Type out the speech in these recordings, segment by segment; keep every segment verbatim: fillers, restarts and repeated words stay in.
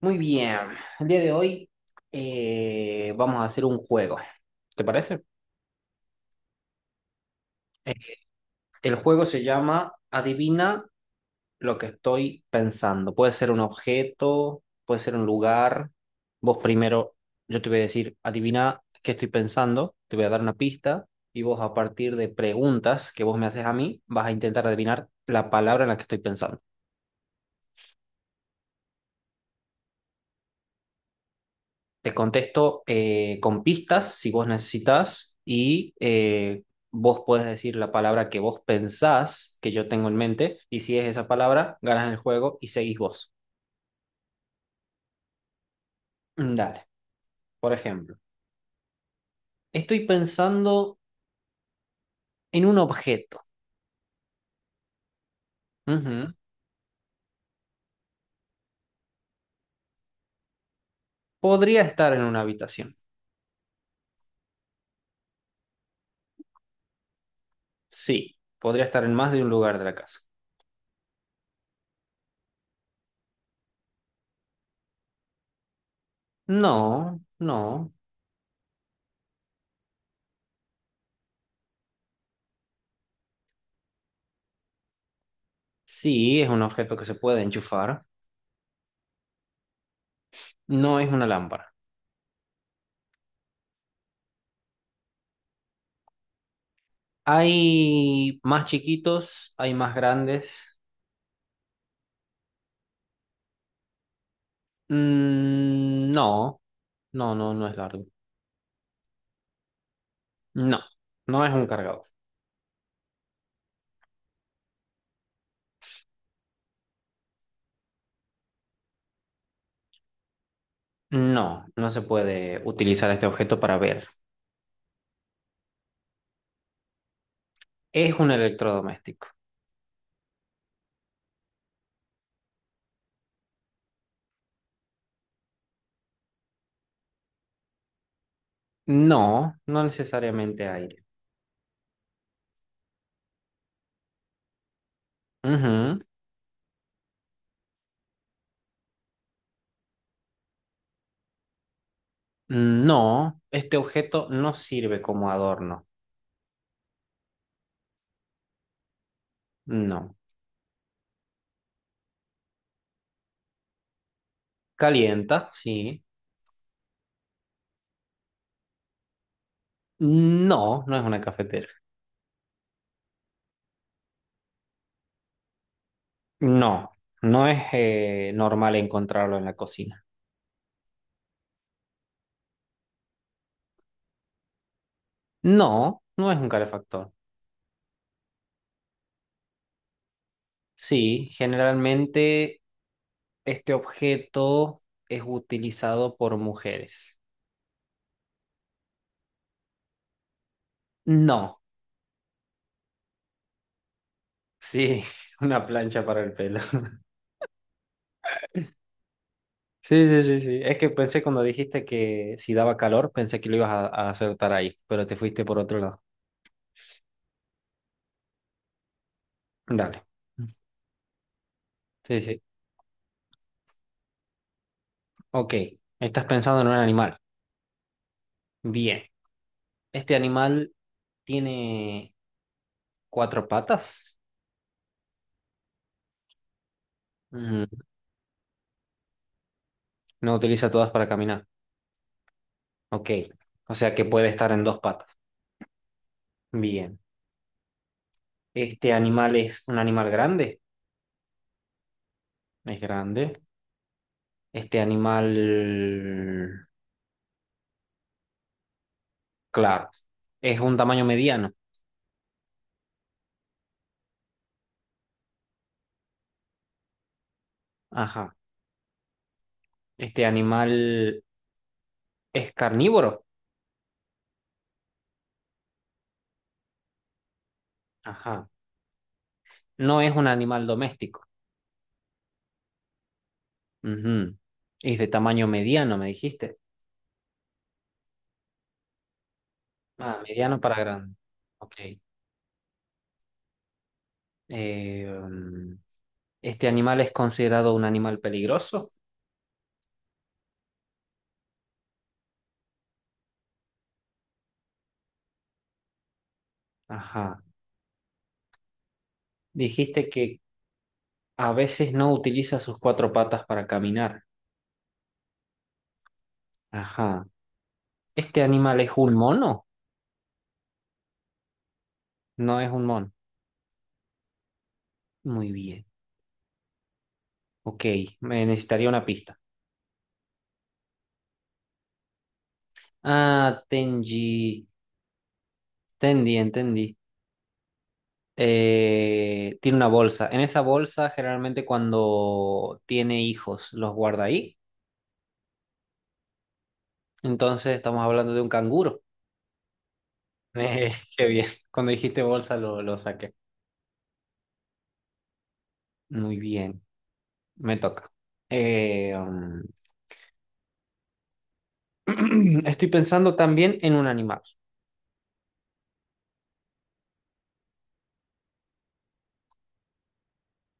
Muy bien, el día de hoy eh, vamos a hacer un juego, ¿te parece? Eh, el juego se llama Adivina lo que estoy pensando. Puede ser un objeto, puede ser un lugar. Vos primero, yo te voy a decir, adivina qué estoy pensando, te voy a dar una pista y vos a partir de preguntas que vos me haces a mí, vas a intentar adivinar la palabra en la que estoy pensando. Te contesto eh, con pistas si vos necesitas y eh, vos puedes decir la palabra que vos pensás que yo tengo en mente y si es esa palabra, ganas el juego y seguís vos. Mm, Dale, por ejemplo, estoy pensando en un objeto. Ujú. Podría estar en una habitación. Sí, podría estar en más de un lugar de la casa. No, no. Sí, es un objeto que se puede enchufar. No es una lámpara. Hay más chiquitos, hay más grandes. Mm, no, no, no, no es largo. No, no es un cargador. No, no se puede utilizar este objeto para ver. Es un electrodoméstico. No, no necesariamente aire. Ujú. No, este objeto no sirve como adorno. No. Calienta, sí. No, no es una cafetera. No, no es eh, normal encontrarlo en la cocina. No, no es un calefactor. Sí, generalmente este objeto es utilizado por mujeres. No, sí, una plancha para el pelo. Sí, sí, sí, sí. Es que pensé cuando dijiste que si daba calor, pensé que lo ibas a, a acertar ahí, pero te fuiste por otro lado. Dale. Sí, sí. Ok, estás pensando en un animal. Bien. ¿Este animal tiene cuatro patas? Mm, no utiliza todas para caminar. Ok, o sea que puede estar en dos patas. Bien. ¿Este animal es un animal grande? Es grande. Este animal, claro, es un tamaño mediano. Ajá. Este animal es carnívoro. Ajá. No es un animal doméstico. Ujú. Es de tamaño mediano, me dijiste. Ah, mediano para grande. Ok. Eh, um, este animal es considerado un animal peligroso. Ajá. Dijiste que a veces no utiliza sus cuatro patas para caminar. Ajá. Este animal es un mono. No es un mono. Muy bien. Ok, me necesitaría una pista. Ah, Tenji. Entendí, entendí. Eh, tiene una bolsa. En esa bolsa, generalmente cuando tiene hijos, los guarda ahí. Entonces, estamos hablando de un canguro. Eh, qué bien. Cuando dijiste bolsa, lo, lo saqué. Muy bien. Me toca. Eh, um, estoy pensando también en un animal.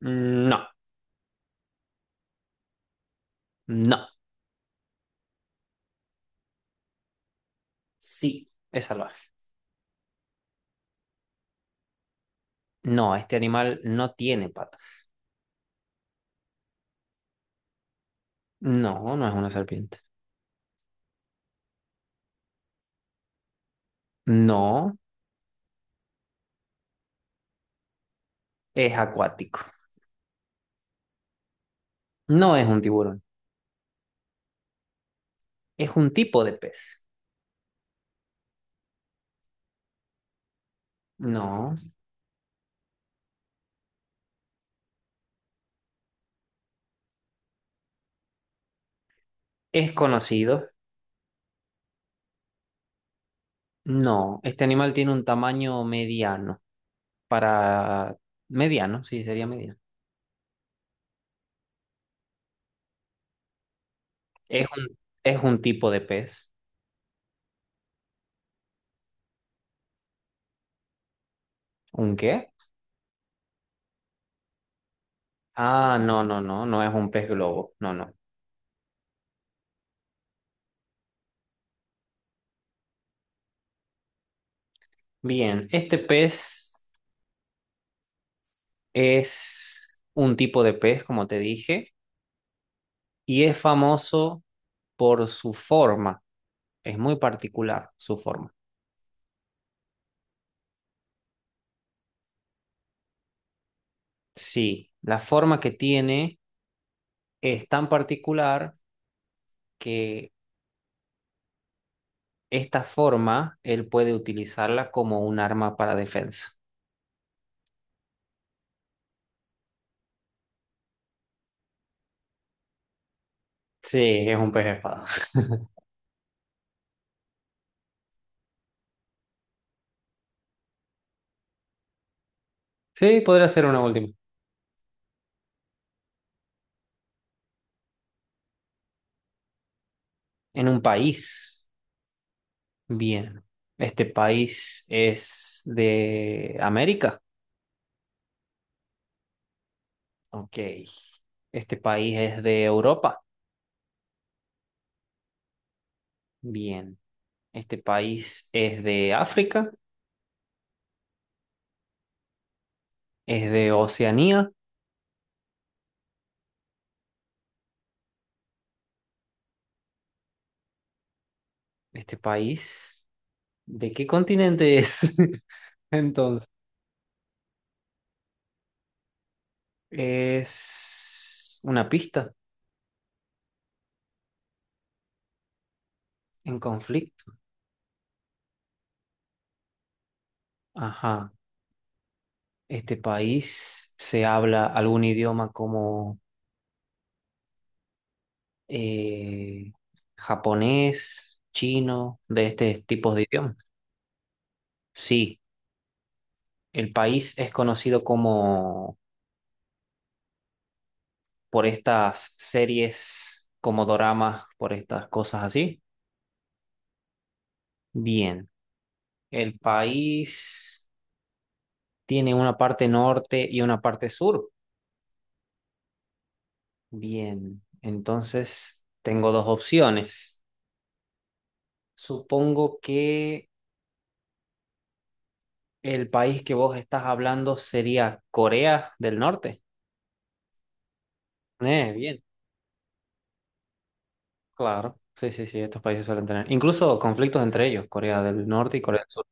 Mm, no, no. Sí, es salvaje. No, este animal no tiene patas. No, no es una serpiente. No, es acuático. No es un tiburón. Es un tipo de pez. No, es conocido. No, este animal tiene un tamaño mediano. Para mediano, sí, sería mediano. Es un, es un tipo de pez. ¿Un qué? Ah, no, no, no, no es un pez globo. No, no. Bien, este pez es un tipo de pez, como te dije, y es famoso por su forma. Es muy particular su forma. Sí, la forma que tiene es tan particular que esta forma él puede utilizarla como un arma para defensa. Sí, es un pez espada. Sí, podría ser una última. En un país. Bien. Este país es de América. Ok. Este país es de Europa. Bien. Este país es de África. Es de Oceanía. Este país ¿de qué continente es? Entonces, es una pista en conflicto. Ajá. Este país se habla algún idioma como eh, japonés, chino, de este tipo de idiomas. Sí, el país es conocido como por estas series, como doramas, por estas cosas así. Bien, el país tiene una parte norte y una parte sur. Bien, entonces tengo dos opciones. Supongo que el país que vos estás hablando sería Corea del Norte. Eh, bien, claro. Sí, sí, sí, estos países suelen tener incluso conflictos entre ellos, Corea del Norte y Corea del Sur.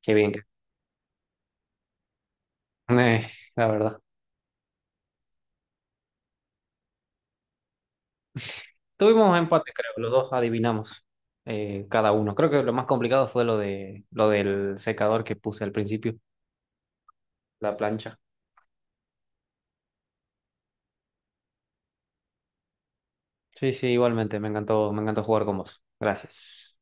Qué bien. Que- Eh, la verdad. Tuvimos empate, creo, los dos adivinamos eh, cada uno. Creo que lo más complicado fue lo de lo del secador que puse al principio, la plancha. Sí, sí, igualmente, me encantó, me encantó jugar con vos. Gracias.